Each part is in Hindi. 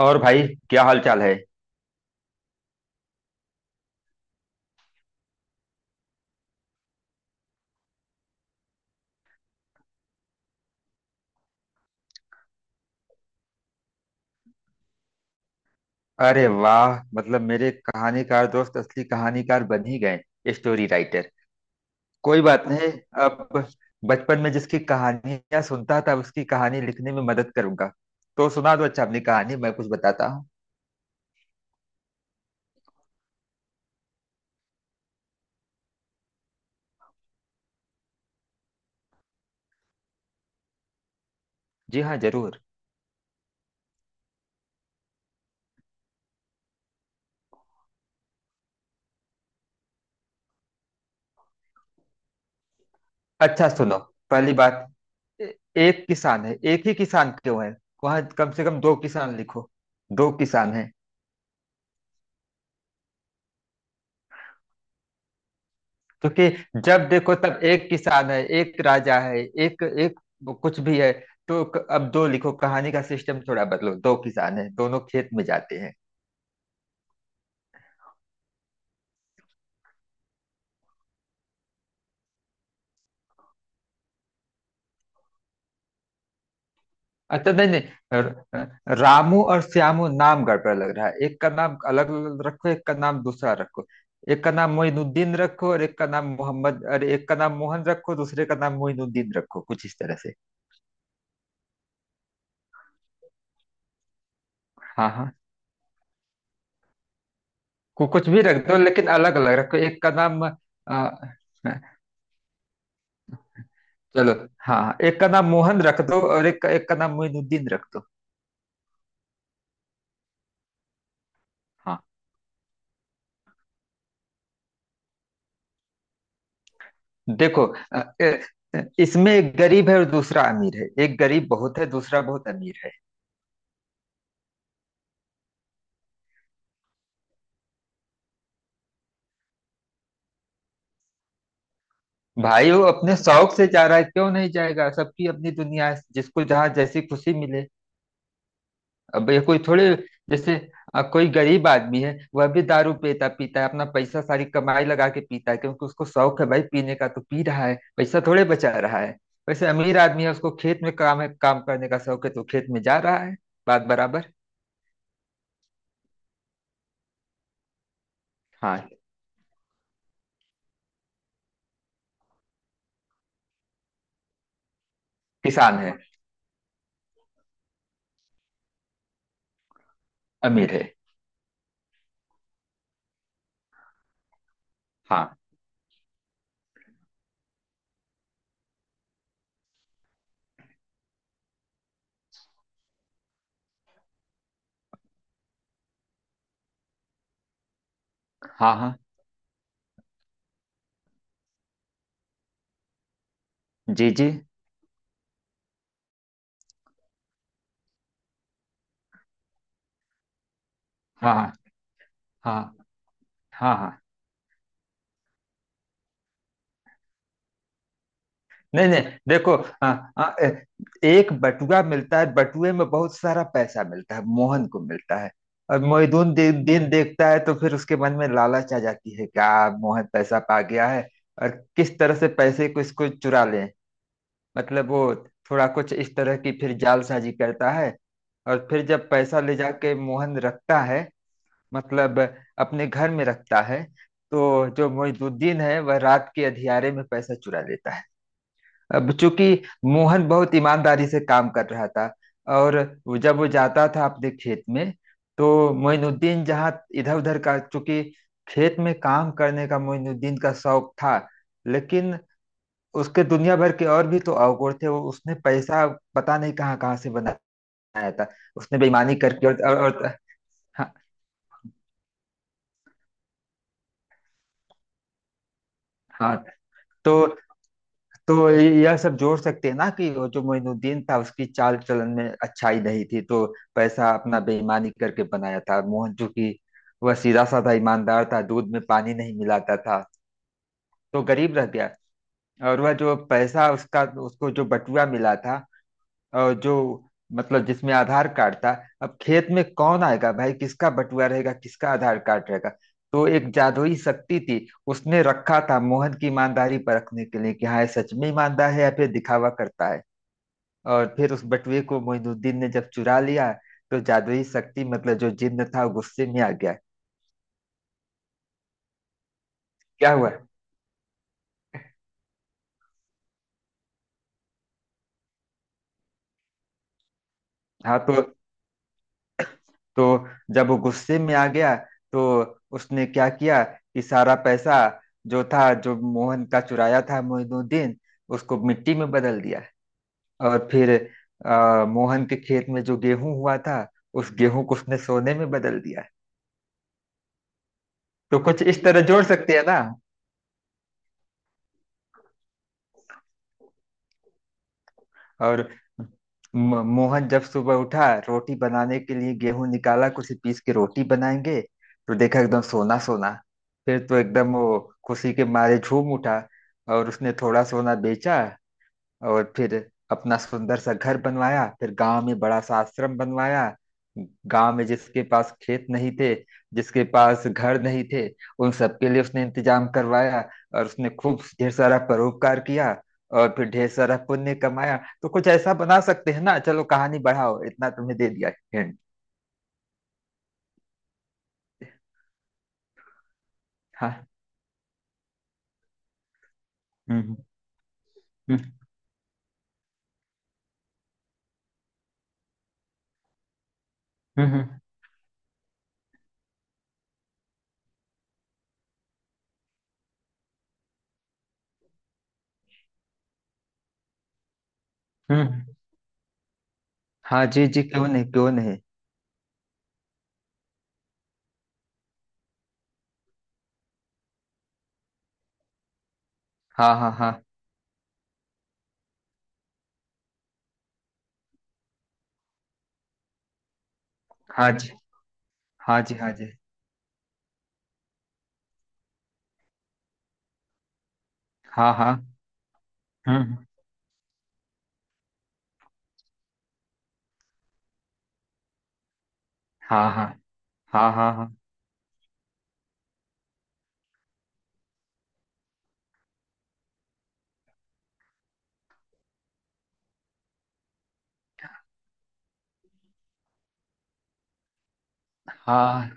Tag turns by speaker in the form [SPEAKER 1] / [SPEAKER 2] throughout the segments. [SPEAKER 1] और भाई, क्या हाल चाल है? अरे वाह, मतलब मेरे कहानीकार दोस्त असली कहानीकार बन ही गए, स्टोरी राइटर। कोई बात नहीं। अब बचपन में जिसकी कहानियां सुनता था उसकी कहानी लिखने में मदद करूंगा। तो सुना दो, अच्छा अपनी कहानी मैं कुछ बताता हूँ। जी हाँ, जरूर। अच्छा सुनो, पहली बात, ए- एक किसान है, एक ही किसान क्यों है? वहां कम से कम दो किसान लिखो, दो किसान है। क्योंकि जब देखो तब एक किसान है, एक राजा है, एक एक कुछ भी है। तो अब दो लिखो, कहानी का सिस्टम थोड़ा बदलो, दो किसान है दोनों खेत में जाते हैं। अच्छा, नहीं नहीं, रामू और श्यामू नाम गड़बड़ लग रहा है, एक का नाम अलग रखो, एक का नाम दूसरा रखो। एक का नाम मोइनुद्दीन रखो और एक का नाम मोहम्मद, अरे एक का नाम मोहन रखो, दूसरे का नाम मोइनुद्दीन रखो, कुछ इस तरह से। हाँ हाँ। कुछ भी रख दो, लेकिन अलग अलग रखो, एक का नाम अ, चलो, हाँ हाँ, एक का नाम मोहन रख दो और एक एक का नाम मोइनुद्दीन रख दो। हाँ। देखो, अ, ए- इसमें एक गरीब है और दूसरा अमीर है, एक गरीब बहुत है, दूसरा बहुत अमीर है। भाई वो अपने शौक से जा रहा है, क्यों नहीं जाएगा? सबकी अपनी दुनिया है, जिसको जहाँ जैसी खुशी मिले। अब ये कोई थोड़े, जैसे कोई गरीब आदमी है, वह भी दारू पीता पीता है, अपना पैसा सारी कमाई लगा के पीता है, क्योंकि उसको शौक है भाई पीने का, तो पी रहा है, पैसा थोड़े बचा रहा है। वैसे अमीर आदमी है, उसको खेत में काम है, काम करने का शौक है, तो खेत में जा रहा है। बात बराबर। हाँ। किसान है। अमीर है। हाँ हाँ। हाँ जी जी। हाँ हाँ। हाँ हाँ। हाँ। नहीं नहीं। देखो, आ, आ, ए- एक बटुआ मिलता है, बटुए में बहुत सारा पैसा मिलता है, मोहन को मिलता है। और मोहिदुन दिन देखता है तो फिर उसके मन में लालच आ जाती है क्या। मोहन पैसा पा गया है, और किस तरह से पैसे को इसको चुरा लें, मतलब वो थोड़ा कुछ इस तरह की फिर जालसाजी करता है। और फिर जब पैसा ले जाके मोहन रखता है, मतलब अपने घर में रखता है, तो जो मोहिदुद्दीन है वह रात के अंधियारे में पैसा चुरा लेता है। अब चूंकि मोहन बहुत ईमानदारी से काम कर रहा था, और जब वो जाता था अपने खेत में, तो मोइनुद्दीन जहाँ इधर उधर का, चूंकि खेत में काम करने का मोइनुद्दीन का शौक था, लेकिन उसके दुनिया भर के और भी तो अवगुण थे, वो उसने पैसा पता नहीं कहाँ कहाँ से बनाया था। उसने बेईमानी करके और हाँ, हाँ। तो तो यह सब जोड़ सकते हैं ना, कि वो जो मोइनुद्दीन था उसकी चाल चलन में अच्छाई नहीं थी, तो पैसा अपना बेईमानी करके बनाया था। मोहन जो कि वह सीधा साधा ईमानदार था, दूध में पानी नहीं मिलाता था, तो गरीब रह गया। और वह जो पैसा उसका, उसको जो बटुआ मिला था, और जो मतलब जिसमें आधार कार्ड था, अब खेत में कौन आएगा भाई, किसका बटुआ रहेगा, किसका आधार कार्ड रहेगा। तो एक जादुई शक्ति थी, उसने रखा था मोहन की ईमानदारी परखने के लिए, कि हाँ ये सच में ईमानदार है या फिर दिखावा करता है। और फिर उस बटुए को मोहिनुद्दीन ने जब चुरा लिया, तो जादुई शक्ति मतलब जो जिन्न था वो गुस्से में आ गया। क्या हुआ? हाँ तो जब वो गुस्से में आ गया, तो उसने क्या किया कि सारा पैसा जो था, जो मोहन का चुराया था मोइनुद्दीन, उसको मिट्टी में बदल दिया। और फिर मोहन के खेत में जो गेहूं हुआ था, उस गेहूं को उसने सोने में बदल दिया। तो कुछ इस तरह जोड़ सकते हैं ना। और मोहन जब सुबह उठा रोटी बनाने के लिए गेहूं निकाला, कुछ पीस के रोटी बनाएंगे, तो देखा एकदम सोना सोना। फिर तो एकदम वो खुशी के मारे झूम उठा। और उसने थोड़ा सोना बेचा, और फिर अपना सुंदर सा घर बनवाया, फिर गांव में बड़ा सा आश्रम बनवाया। गांव में जिसके पास खेत नहीं थे, जिसके पास घर नहीं थे, उन सबके लिए उसने इंतजाम करवाया। और उसने खूब ढेर सारा परोपकार किया, और फिर ढेर सारा पुण्य कमाया। तो कुछ ऐसा बना सकते हैं ना, चलो कहानी बढ़ाओ, इतना तुम्हें दे दिया हिंट। हाँ। हम्म। हम्म। हम्म। हम्म, हम्म। हाँ जी जी, क्यों नहीं, क्यों नहीं। हाँ हाँ हाँ। हाँ जी। हाँ जी। हाँ जी। हाँ हाँ। हम्म। हाँ हाँ हाँ। हाँ हाँ हाँ।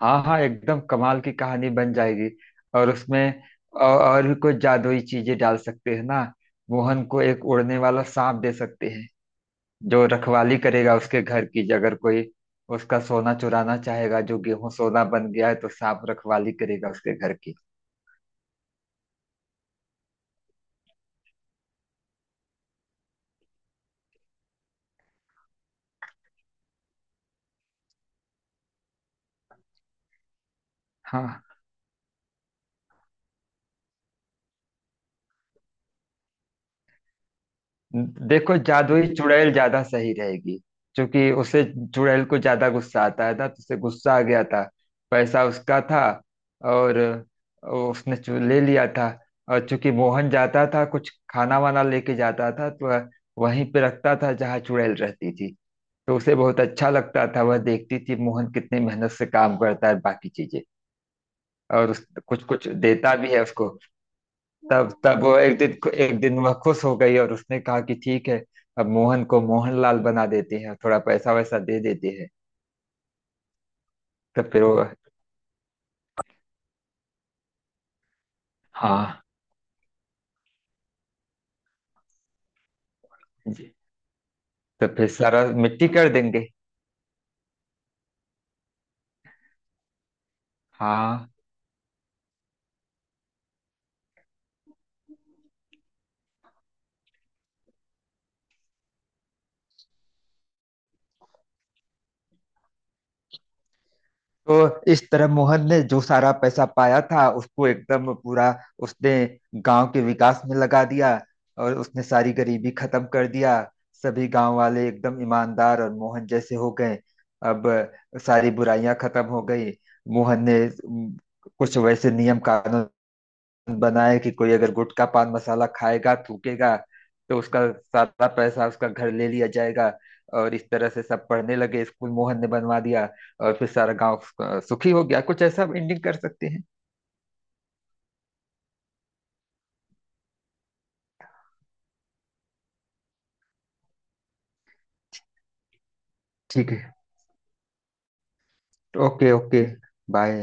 [SPEAKER 1] हाँ हाँ एकदम कमाल की कहानी बन जाएगी। और उसमें और भी कुछ जादुई चीजें डाल सकते हैं ना। मोहन को एक उड़ने वाला सांप दे सकते हैं, जो रखवाली करेगा उसके घर की, अगर कोई उसका सोना चुराना चाहेगा, जो गेहूं सोना बन गया है, तो सांप रखवाली करेगा उसके घर की। हाँ देखो, जादुई चुड़ैल ज्यादा सही रहेगी। क्योंकि उसे, चुड़ैल को ज्यादा गुस्सा आता है ना, तो उसे गुस्सा आ गया था, पैसा उसका था, और उसने ले लिया था। और चूंकि मोहन जाता था कुछ खाना वाना लेके जाता था, तो वहीं पे रखता था जहाँ चुड़ैल रहती थी। तो उसे बहुत अच्छा लगता था, वह देखती थी मोहन कितनी मेहनत से काम करता है, बाकी चीजें। और उस कुछ कुछ देता भी है उसको। तब तब वो एक दिन, एक दिन वह खुश हो गई और उसने कहा कि ठीक है, अब मोहन को मोहनलाल बना देते हैं, थोड़ा पैसा वैसा दे देते हैं। तो फिर वो, हाँ जी, तो फिर सारा मिट्टी कर देंगे। हाँ। तो इस तरह मोहन ने जो सारा पैसा पाया था, उसको एकदम पूरा उसने गांव के विकास में लगा दिया। और उसने सारी गरीबी खत्म कर दिया, सभी गांव वाले एकदम ईमानदार और मोहन जैसे हो गए। अब सारी बुराइयां खत्म हो गई। मोहन ने उम, कुछ वैसे नियम कानून बनाए कि कोई अगर गुटखा पान मसाला खाएगा थूकेगा, तो उसका सारा पैसा उसका घर ले लिया जाएगा। और इस तरह से सब पढ़ने लगे, स्कूल मोहन ने बनवा दिया। और फिर सारा गांव सुखी हो गया, कुछ ऐसा एंडिंग कर सकते हैं। ठीक है। Okay okay. बाय।